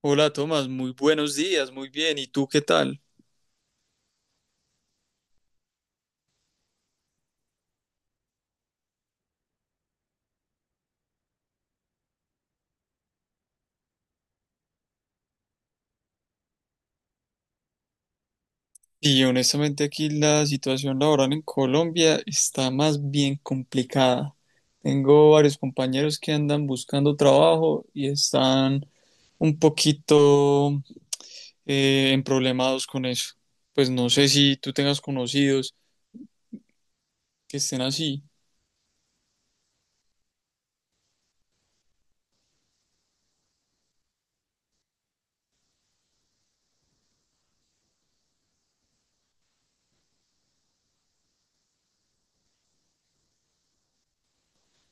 Hola Tomás, muy buenos días, muy bien. ¿Y tú qué tal? Y honestamente aquí la situación laboral en Colombia está más bien complicada. Tengo varios compañeros que andan buscando trabajo y están un poquito emproblemados con eso. Pues no sé si tú tengas conocidos que estén así.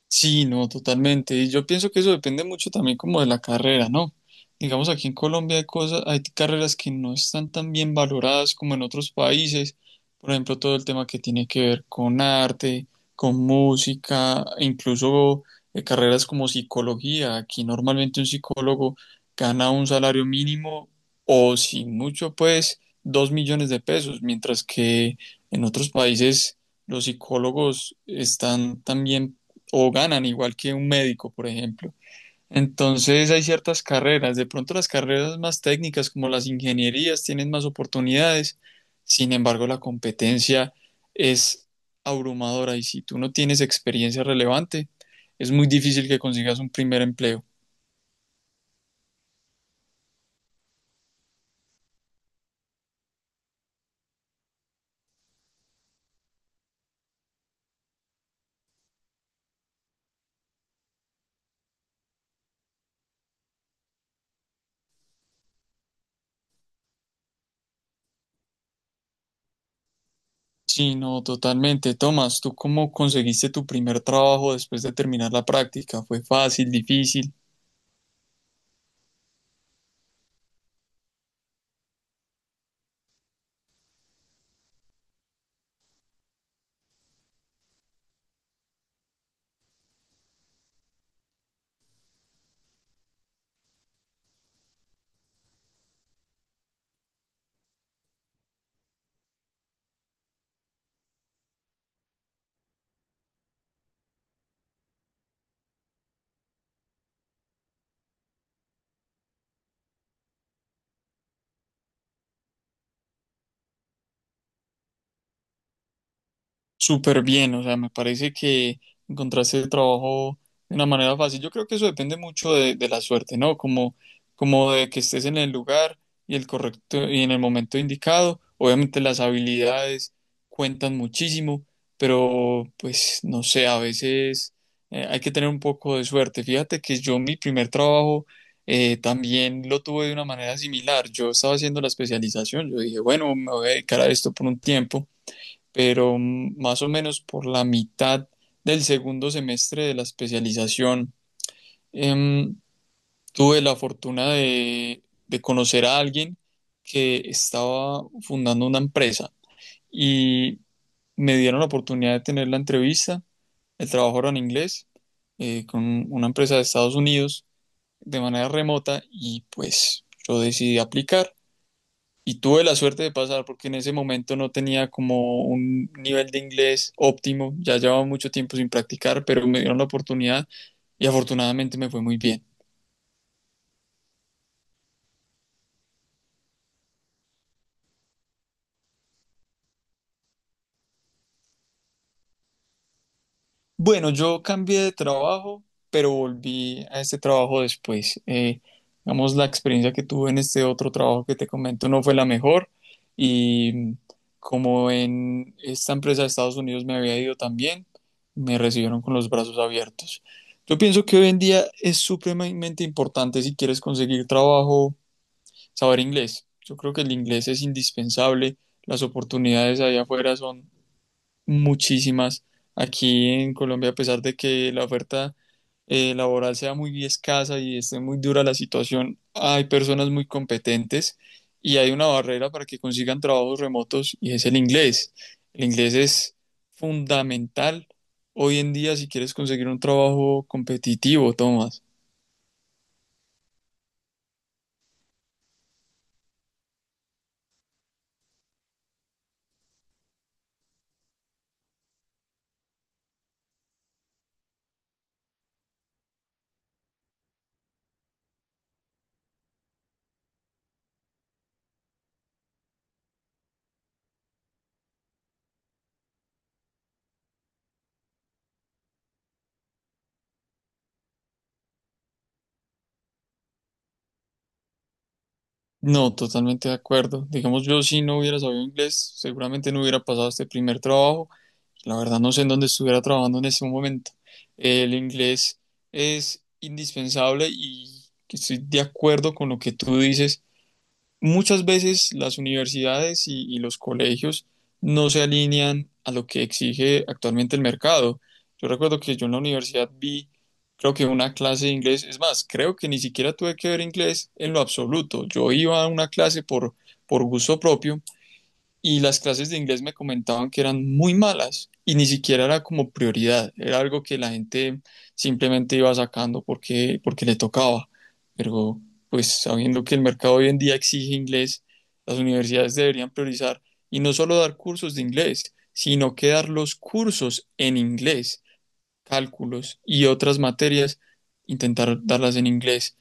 Sí, no, totalmente. Y yo pienso que eso depende mucho también como de la carrera, ¿no? Digamos, aquí en Colombia hay cosas, hay carreras que no están tan bien valoradas como en otros países. Por ejemplo, todo el tema que tiene que ver con arte, con música, incluso carreras como psicología. Aquí normalmente un psicólogo gana un salario mínimo o sin mucho, pues, 2 millones de pesos, mientras que en otros países los psicólogos están también o ganan igual que un médico, por ejemplo. Entonces hay ciertas carreras, de pronto las carreras más técnicas como las ingenierías tienen más oportunidades, sin embargo la competencia es abrumadora y si tú no tienes experiencia relevante, es muy difícil que consigas un primer empleo. Sí, no, totalmente. Tomás, ¿tú cómo conseguiste tu primer trabajo después de terminar la práctica? ¿Fue fácil, difícil? Súper bien, o sea, me parece que encontraste el trabajo de una manera fácil. Yo creo que eso depende mucho de la suerte, ¿no? Como de que estés en el lugar y el correcto y en el momento indicado. Obviamente las habilidades cuentan muchísimo, pero pues no sé, a veces hay que tener un poco de suerte. Fíjate que yo mi primer trabajo también lo tuve de una manera similar. Yo estaba haciendo la especialización, yo dije, bueno, me voy a dedicar a esto por un tiempo pero más o menos por la mitad del segundo semestre de la especialización, em, tuve la fortuna de conocer a alguien que estaba fundando una empresa y me dieron la oportunidad de tener la entrevista. El trabajo era en inglés, con una empresa de Estados Unidos de manera remota y pues yo decidí aplicar. Y tuve la suerte de pasar porque en ese momento no tenía como un nivel de inglés óptimo, ya llevaba mucho tiempo sin practicar, pero me dieron la oportunidad y afortunadamente me fue muy bien. Bueno, yo cambié de trabajo, pero volví a este trabajo después. Digamos, la experiencia que tuve en este otro trabajo que te comento no fue la mejor y como en esta empresa de Estados Unidos me había ido también, me recibieron con los brazos abiertos. Yo pienso que hoy en día es supremamente importante si quieres conseguir trabajo, saber inglés. Yo creo que el inglés es indispensable. Las oportunidades allá afuera son muchísimas. Aquí en Colombia, a pesar de que la oferta laboral sea muy escasa y esté muy dura la situación, hay personas muy competentes y hay una barrera para que consigan trabajos remotos y es el inglés. El inglés es fundamental hoy en día si quieres conseguir un trabajo competitivo, Tomás. No, totalmente de acuerdo. Digamos, yo si no hubiera sabido inglés, seguramente no hubiera pasado este primer trabajo. La verdad no sé en dónde estuviera trabajando en este momento. El inglés es indispensable y estoy de acuerdo con lo que tú dices. Muchas veces las universidades y los colegios no se alinean a lo que exige actualmente el mercado. Yo recuerdo que yo en la universidad vi, creo que una clase de inglés, es más, creo que ni siquiera tuve que ver inglés en lo absoluto. Yo iba a una clase por gusto propio y las clases de inglés me comentaban que eran muy malas y ni siquiera era como prioridad, era algo que la gente simplemente iba sacando porque le tocaba. Pero pues sabiendo que el mercado hoy en día exige inglés, las universidades deberían priorizar y no solo dar cursos de inglés, sino que dar los cursos en inglés, cálculos y otras materias, intentar darlas en inglés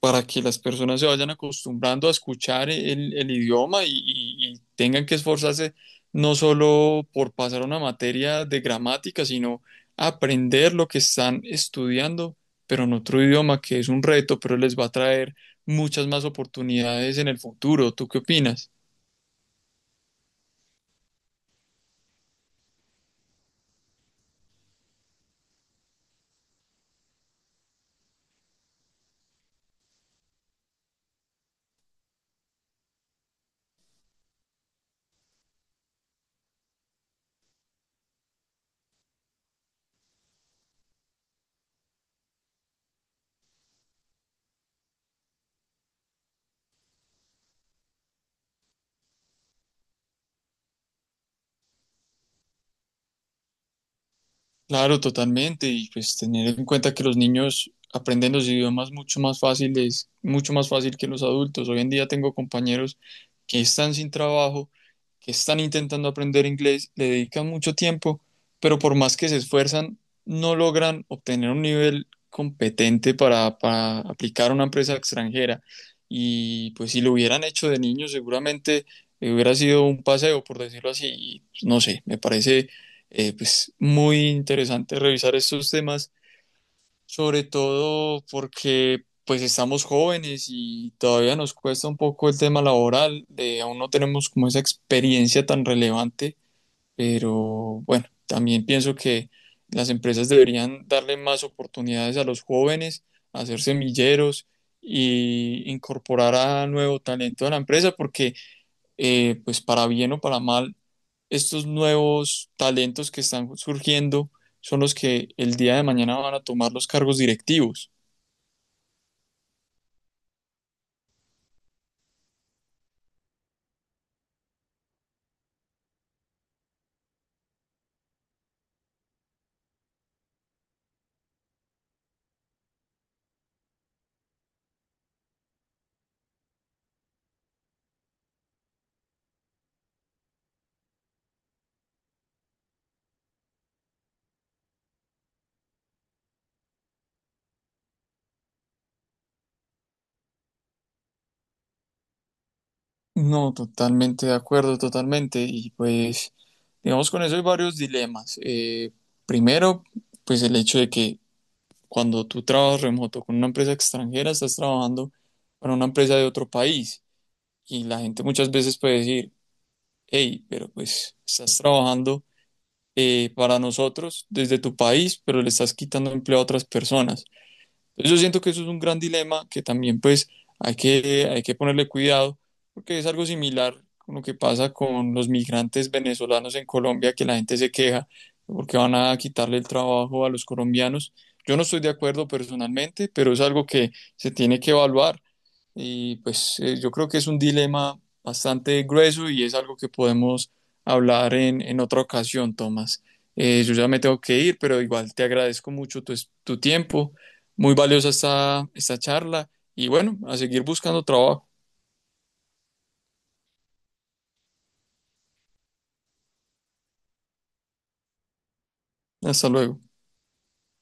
para que las personas se vayan acostumbrando a escuchar el idioma y tengan que esforzarse no solo por pasar una materia de gramática, sino aprender lo que están estudiando, pero en otro idioma que es un reto, pero les va a traer muchas más oportunidades en el futuro. ¿Tú qué opinas? Claro, totalmente. Y pues tener en cuenta que los niños aprenden los idiomas mucho más fáciles, mucho más fácil que los adultos. Hoy en día tengo compañeros que están sin trabajo que están intentando aprender inglés, le dedican mucho tiempo, pero por más que se esfuerzan, no logran obtener un nivel competente para aplicar a una empresa extranjera. Y pues si lo hubieran hecho de niño, seguramente hubiera sido un paseo, por decirlo así. Y, pues, no sé, me parece pues muy interesante revisar estos temas sobre todo porque pues estamos jóvenes y todavía nos cuesta un poco el tema laboral, aún no tenemos como esa experiencia tan relevante, pero bueno, también pienso que las empresas deberían darle más oportunidades a los jóvenes, hacer semilleros y incorporar a nuevo talento a la empresa, porque pues para bien o para mal, estos nuevos talentos que están surgiendo son los que el día de mañana van a tomar los cargos directivos. No, totalmente de acuerdo, totalmente. Y pues, digamos, con eso hay varios dilemas. Primero, pues el hecho de que cuando tú trabajas remoto con una empresa extranjera, estás trabajando para una empresa de otro país. Y la gente muchas veces puede decir, hey, pero pues estás trabajando para nosotros desde tu país, pero le estás quitando empleo a otras personas. Entonces yo siento que eso es un gran dilema que también pues hay que ponerle cuidado porque es algo similar con lo que pasa con los migrantes venezolanos en Colombia, que la gente se queja porque van a quitarle el trabajo a los colombianos. Yo no estoy de acuerdo personalmente, pero es algo que se tiene que evaluar. Y pues yo creo que es un dilema bastante grueso y es algo que podemos hablar en otra ocasión, Tomás. Yo ya me tengo que ir, pero igual te agradezco mucho tu tiempo. Muy valiosa esta charla y bueno, a seguir buscando trabajo. Hasta luego.